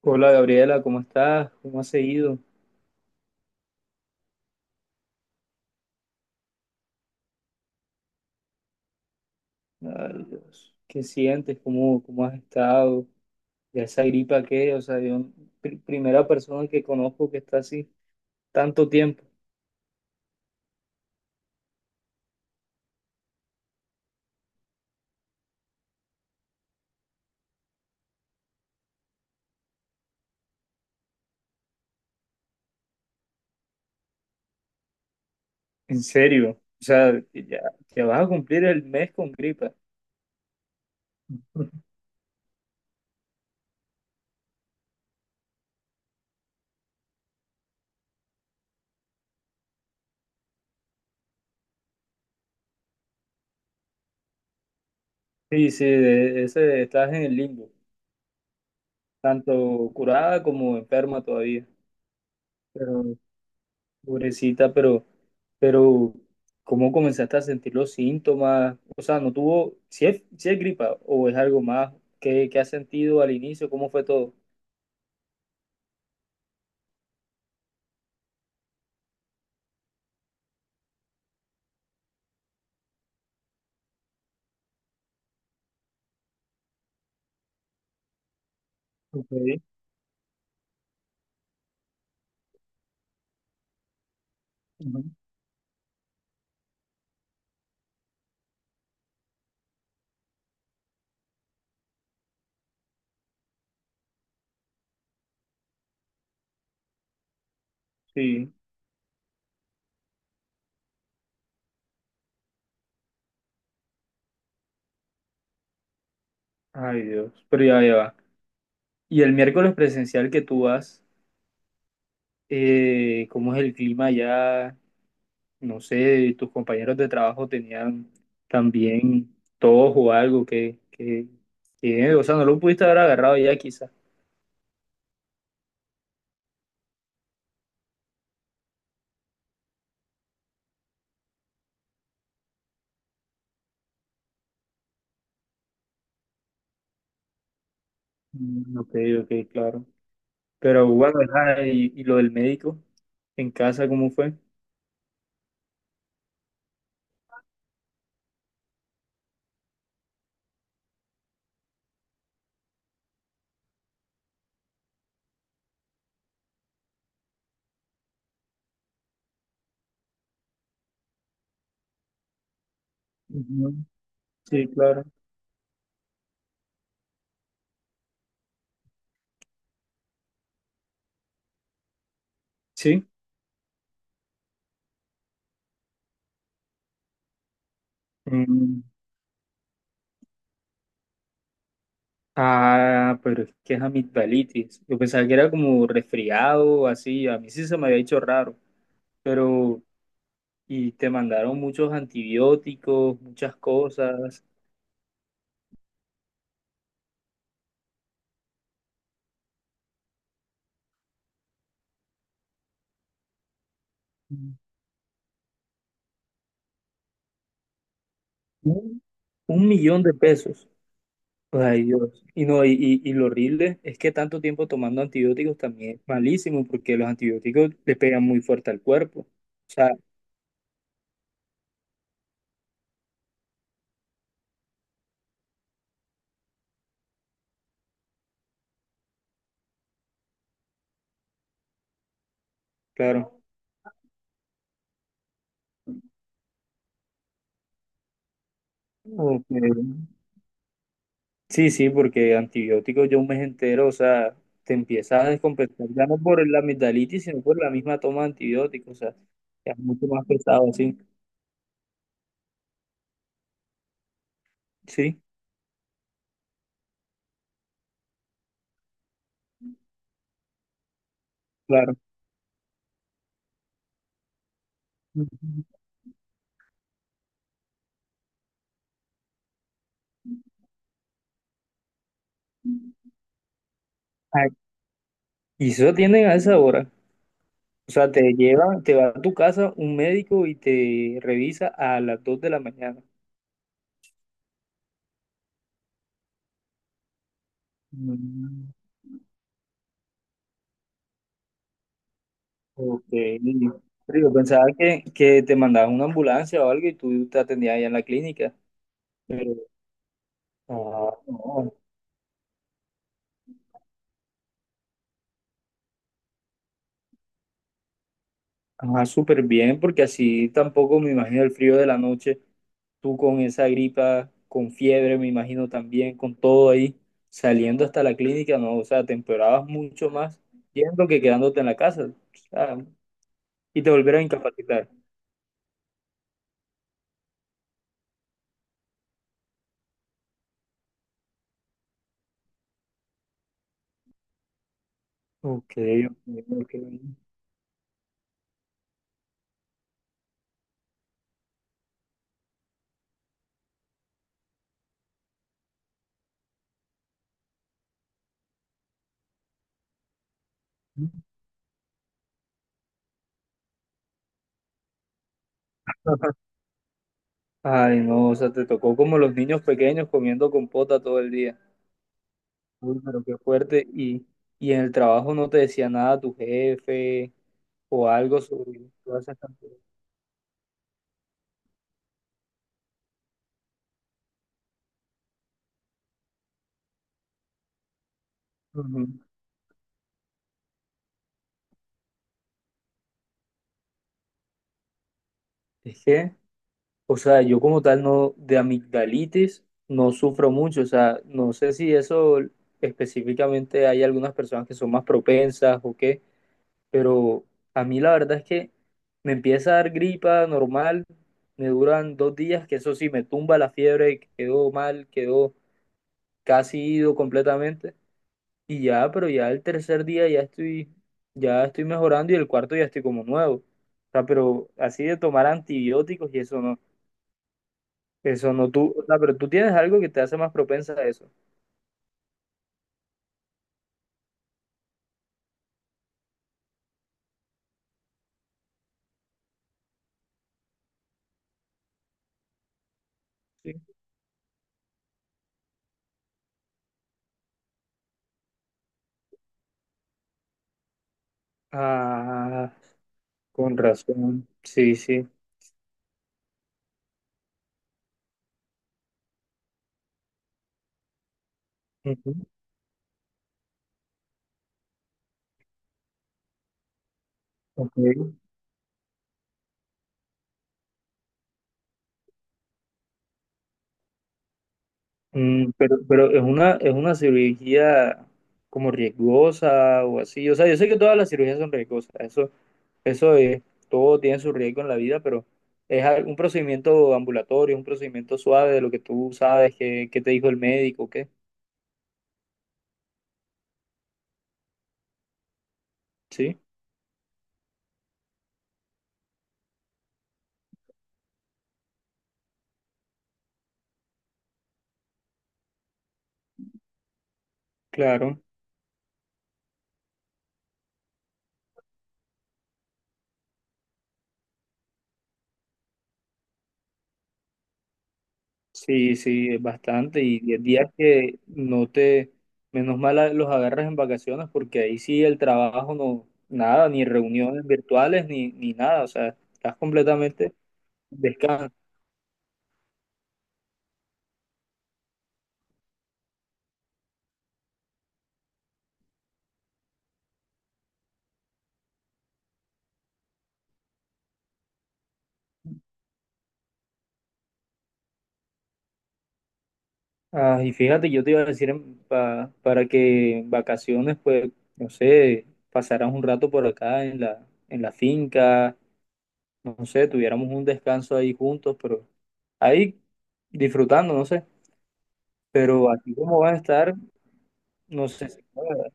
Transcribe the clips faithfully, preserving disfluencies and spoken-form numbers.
Hola Gabriela, ¿cómo estás? ¿Cómo has seguido? Ay, Dios. ¿Qué sientes? ¿Cómo, cómo has estado? ¿Ya esa gripa qué? O sea, yo, pri- primera persona que conozco que está así tanto tiempo. En serio. O sea, ya, ya vas a cumplir el mes con gripa. Sí, sí, de- ese, estás en el limbo, tanto curada como enferma todavía. Pero, pobrecita, pero Pero, ¿cómo comenzaste a sentir los síntomas? O sea, ¿no tuvo, si es, si es gripa o es algo más? ¿Qué, qué has sentido al inicio? ¿Cómo fue todo? Ok. Ujú. Sí. Ay Dios, pero ya, ya va. Y el miércoles presencial que tú vas, eh, ¿cómo es el clima allá? No sé, tus compañeros de trabajo tenían también tos o algo que, que, que, o sea, no lo pudiste haber agarrado ya quizás. Mm. Ok, ok, claro. Pero bueno, ajá, y, y lo del médico en casa, ¿cómo fue? Ujú. Sí, claro. Sí. Mm. Ah, pero es que es amigdalitis. Yo pensaba que era como resfriado, así. A mí sí se me había hecho raro. Pero, y te mandaron muchos antibióticos, muchas cosas. Un, un millón de pesos. Ay, Dios. Y no, y, y, y lo horrible es que tanto tiempo tomando antibióticos también es malísimo, porque los antibióticos le pegan muy fuerte al cuerpo. O sea, claro. Ok. Sí, sí, porque antibióticos yo un mes entero, o sea, te empiezas a descompensar ya no por la amigdalitis, sino por la misma toma de antibióticos, o sea, ya es mucho más pesado, sí, sí, claro. Ay. Y eso tienen a esa hora, o sea, te lleva, te va a tu casa un médico y te revisa a las dos de la mañana. Mm. Ok. Pero yo pensaba que, que te mandaban una ambulancia o algo y tú te atendías allá en la clínica, pero ah, no. Ajá, súper bien, porque así tampoco me imagino el frío de la noche, tú con esa gripa, con fiebre, me imagino también, con todo ahí, saliendo hasta la clínica, no, o sea, te empeorabas mucho más yendo que quedándote en la casa, o sea, y te volvieron a incapacitar. Ok, ok, ok. Ay, no, o sea, te tocó como los niños pequeños comiendo compota todo el día. Uy, pero qué fuerte. Y, y en el trabajo no te decía nada tu jefe o algo sobre todas esas cantidades. Es que, o sea, yo como tal no, de amigdalitis no sufro mucho, o sea, no sé si eso específicamente hay algunas personas que son más propensas o qué, pero a mí la verdad es que me empieza a dar gripa normal, me duran dos días, que eso sí, me tumba la fiebre, quedó mal, quedó casi ido completamente, y ya, pero ya el tercer día ya estoy, ya estoy mejorando y el cuarto ya estoy como nuevo, o sea, pero así de tomar antibióticos y eso no. Eso no tú, o sea, pero tú tienes algo que te hace más propensa a eso. Sí. Ah, con razón. Sí, sí. Ujú, ok. Mm, pero, pero es una, es una cirugía como riesgosa o así. O sea, yo sé que todas las cirugías son riesgosas. Eso, eso es, todo tiene su riesgo en la vida, pero es al- un procedimiento ambulatorio, un procedimiento suave de lo que tú sabes, que, que te dijo el médico, ¿qué? Sí, claro. Sí, sí, es bastante. Y diez días que no te, menos mal a- los agarras en vacaciones porque ahí sí el trabajo no, nada, ni reuniones virtuales, ni, ni nada. O sea, estás completamente descansado. Ah, y fíjate, yo te iba a decir en- pa- para que en vacaciones, pues, no sé, pasarás un rato por acá en la, en la finca, no sé, tuviéramos un descanso ahí juntos, pero ahí disfrutando, no sé. Pero así como vas a estar, no sé si pueda.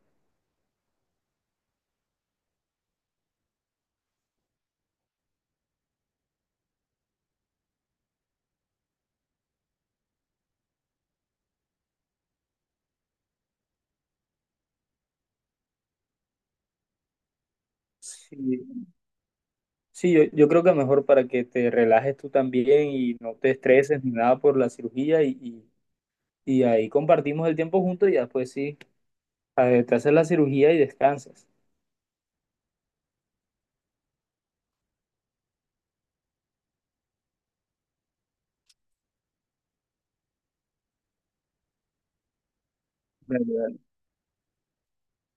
Sí, yo, yo creo que mejor para que te relajes tú también y no te estreses ni nada por la cirugía y, y- y ahí compartimos el tiempo juntos y ya después sí, a te haces la cirugía y descansas. Dale, dale,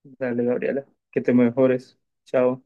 dale, Gabriela, que te mejores. Chao.